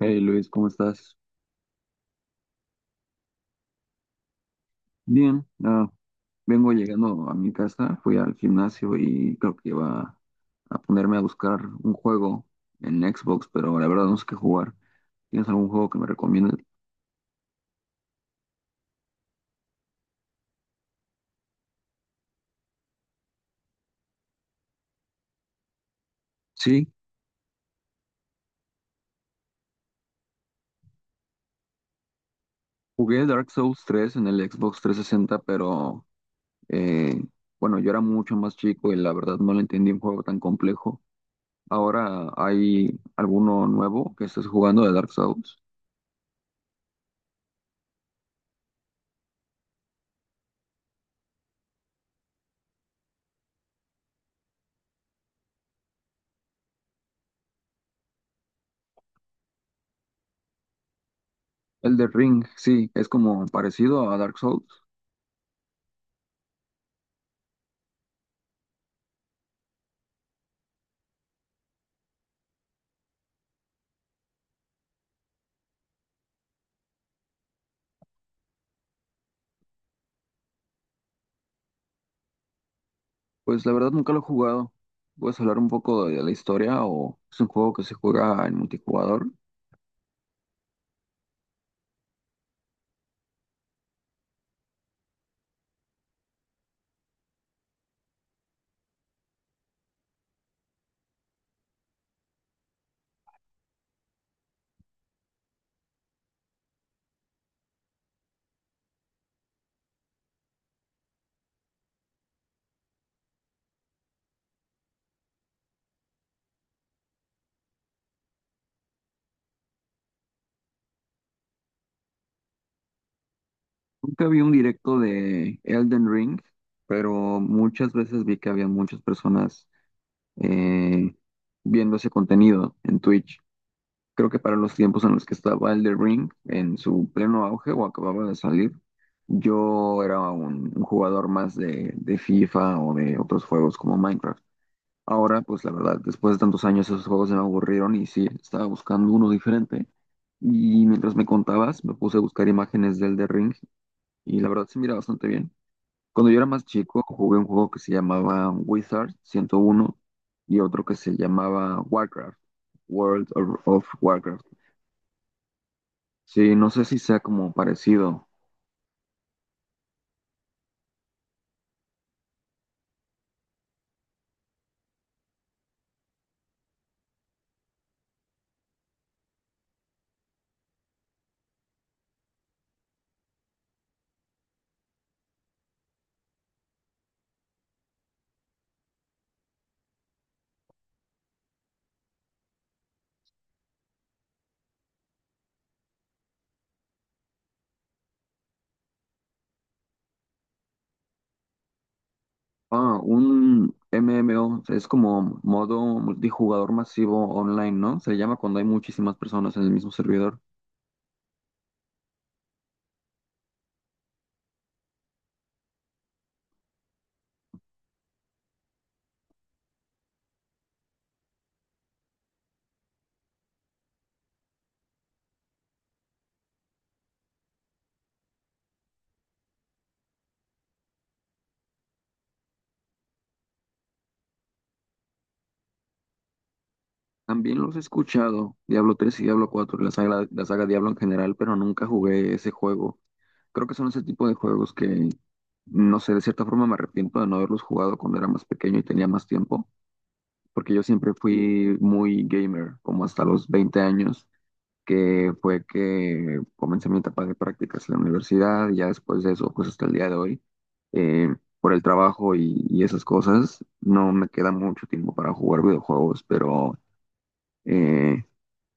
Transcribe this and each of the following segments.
Hey Luis, ¿cómo estás? Bien, vengo llegando a mi casa, fui al gimnasio y creo que iba a ponerme a buscar un juego en Xbox, pero la verdad no sé qué jugar. ¿Tienes algún juego que me recomiendes? Sí, jugué Dark Souls 3 en el Xbox 360, pero eh, bueno, yo era mucho más chico y la verdad no le entendí un juego tan complejo. Ahora hay alguno nuevo que estés jugando de Dark Souls. El de Ring, sí, es como parecido a Dark Souls. Pues la verdad nunca lo he jugado. ¿Puedes hablar un poco de la historia o es un juego que se juega en multijugador? Nunca vi un directo de Elden Ring, pero muchas veces vi que había muchas personas eh, viendo ese contenido en Twitch. Creo que para los tiempos en los que estaba Elden Ring en su pleno auge o acababa de salir, yo era un jugador más de FIFA o de otros juegos como Minecraft. Ahora, pues la verdad, después de tantos años esos juegos se me aburrieron y sí, estaba buscando uno diferente. Y mientras me contabas, me puse a buscar imágenes del The Ring y la verdad se mira bastante bien. Cuando yo era más chico, jugué un juego que se llamaba Wizard 101 y otro que se llamaba Warcraft, World of Warcraft. Sí, no sé si sea como parecido. Ah, un MMO, es como modo multijugador masivo online, ¿no? Se llama cuando hay muchísimas personas en el mismo servidor. También los he escuchado, Diablo 3 y Diablo 4, la saga Diablo en general, pero nunca jugué ese juego. Creo que son ese tipo de juegos que, no sé, de cierta forma me arrepiento de no haberlos jugado cuando era más pequeño y tenía más tiempo, porque yo siempre fui muy gamer, como hasta los 20 años, que fue que comencé mi etapa de prácticas en la universidad, y ya después de eso, pues hasta el día de hoy, eh, por el trabajo y esas cosas, no me queda mucho tiempo para jugar videojuegos, pero, eh,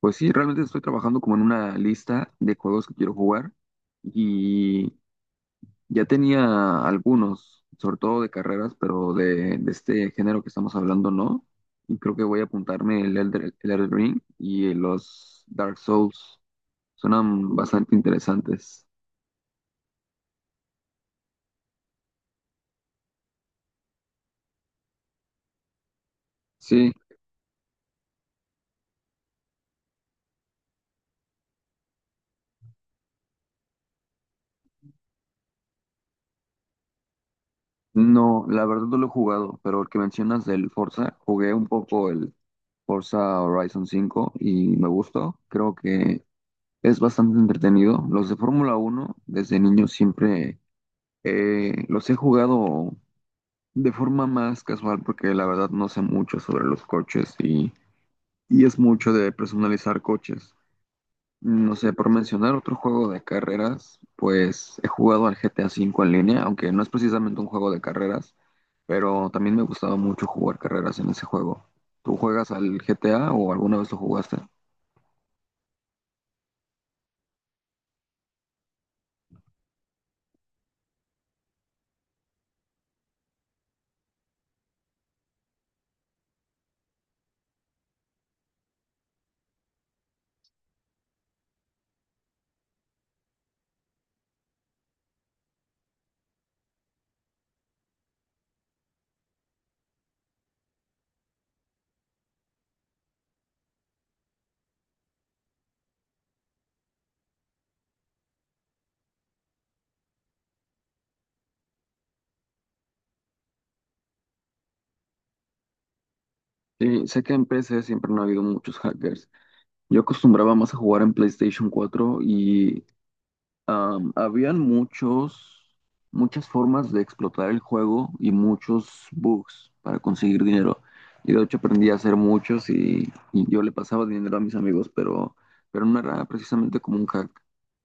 pues sí, realmente estoy trabajando como en una lista de juegos que quiero jugar y ya tenía algunos, sobre todo de carreras, pero de este género que estamos hablando no. Y creo que voy a apuntarme el Elden Ring y los Dark Souls. Suenan bastante interesantes. Sí, no, la verdad no lo he jugado, pero el que mencionas del Forza, jugué un poco el Forza Horizon 5 y me gustó. Creo que es bastante entretenido. Los de Fórmula 1 desde niño siempre los he jugado de forma más casual porque la verdad no sé mucho sobre los coches y es mucho de personalizar coches. No sé, por mencionar otro juego de carreras, pues he jugado al GTA V en línea, aunque no es precisamente un juego de carreras, pero también me gustaba mucho jugar carreras en ese juego. ¿Tú juegas al GTA o alguna vez lo jugaste? Sí, sé que en PC siempre no ha habido muchos hackers. Yo acostumbraba más a jugar en PlayStation 4 y habían muchas formas de explotar el juego y muchos bugs para conseguir dinero. Y de hecho aprendí a hacer muchos y yo le pasaba dinero a mis amigos, pero no era precisamente como un hack,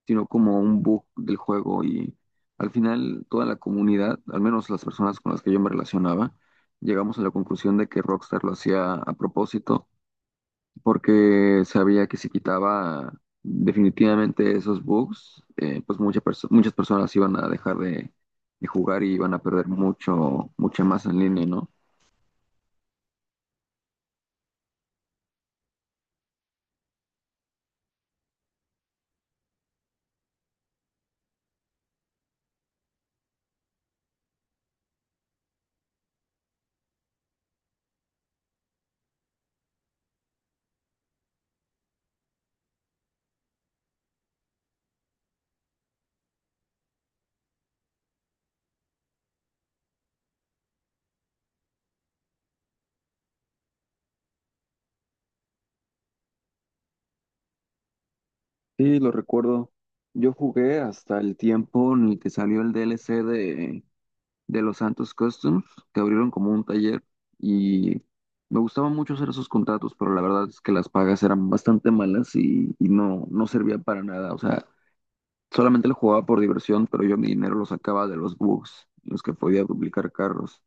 sino como un bug del juego. Y al final toda la comunidad, al menos las personas con las que yo me relacionaba, llegamos a la conclusión de que Rockstar lo hacía a propósito porque sabía que si quitaba definitivamente esos bugs, pues muchas personas iban a dejar de jugar y iban a perder mucha más en línea, ¿no? Sí, lo recuerdo. Yo jugué hasta el tiempo en el que salió el DLC de los Santos Customs, que abrieron como un taller y me gustaba mucho hacer esos contratos, pero la verdad es que las pagas eran bastante malas y no, no servía para nada. O sea, solamente lo jugaba por diversión, pero yo mi dinero lo sacaba de los bugs, en los que podía duplicar carros.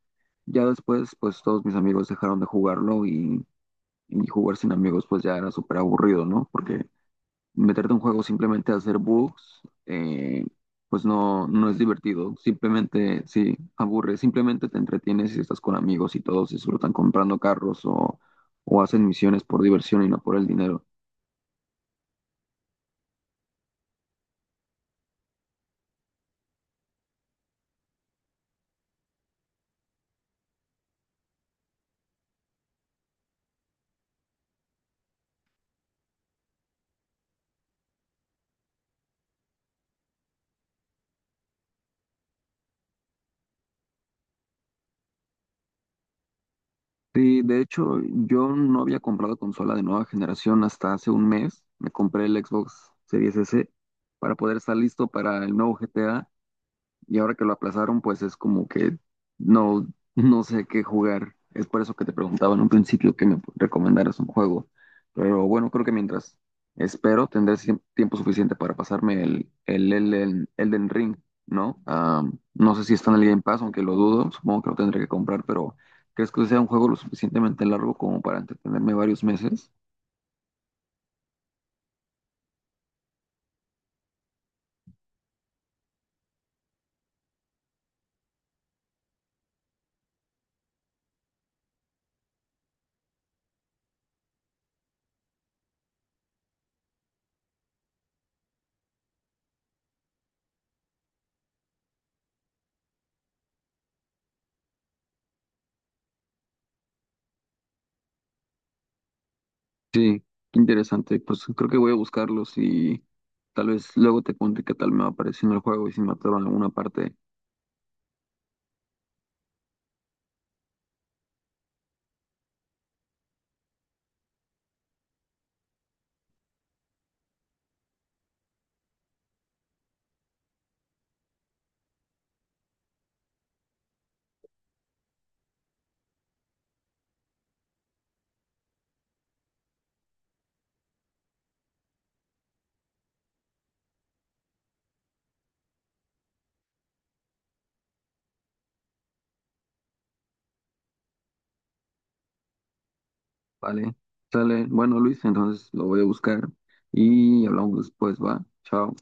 Ya después, pues todos mis amigos dejaron de jugarlo y jugar sin amigos pues ya era súper aburrido, ¿no? Porque meterte en un juego simplemente a hacer bugs, pues no, no es divertido. Simplemente, sí, aburre. Simplemente te entretienes si estás con amigos y todos disfrutan comprando carros o hacen misiones por diversión y no por el dinero. Sí, de hecho, yo no había comprado consola de nueva generación hasta hace un mes. Me compré el Xbox Series S para poder estar listo para el nuevo GTA. Y ahora que lo aplazaron, pues es como que no, no sé qué jugar. Es por eso que te preguntaba en un principio que me recomendaras un juego. Pero bueno, creo que mientras espero tendré tiempo suficiente para pasarme el Elden Ring, ¿no? Ah, no sé si está en el Game Pass, aunque lo dudo. Supongo que lo tendré que comprar, pero ¿crees que sea un juego lo suficientemente largo como para entretenerme varios meses? Sí, qué interesante. Pues creo que voy a buscarlos y tal vez luego te cuente qué tal me va apareciendo el juego y si me atoro en alguna parte. Vale, sale. Bueno, Luis, entonces lo voy a buscar y hablamos después, va. Chao.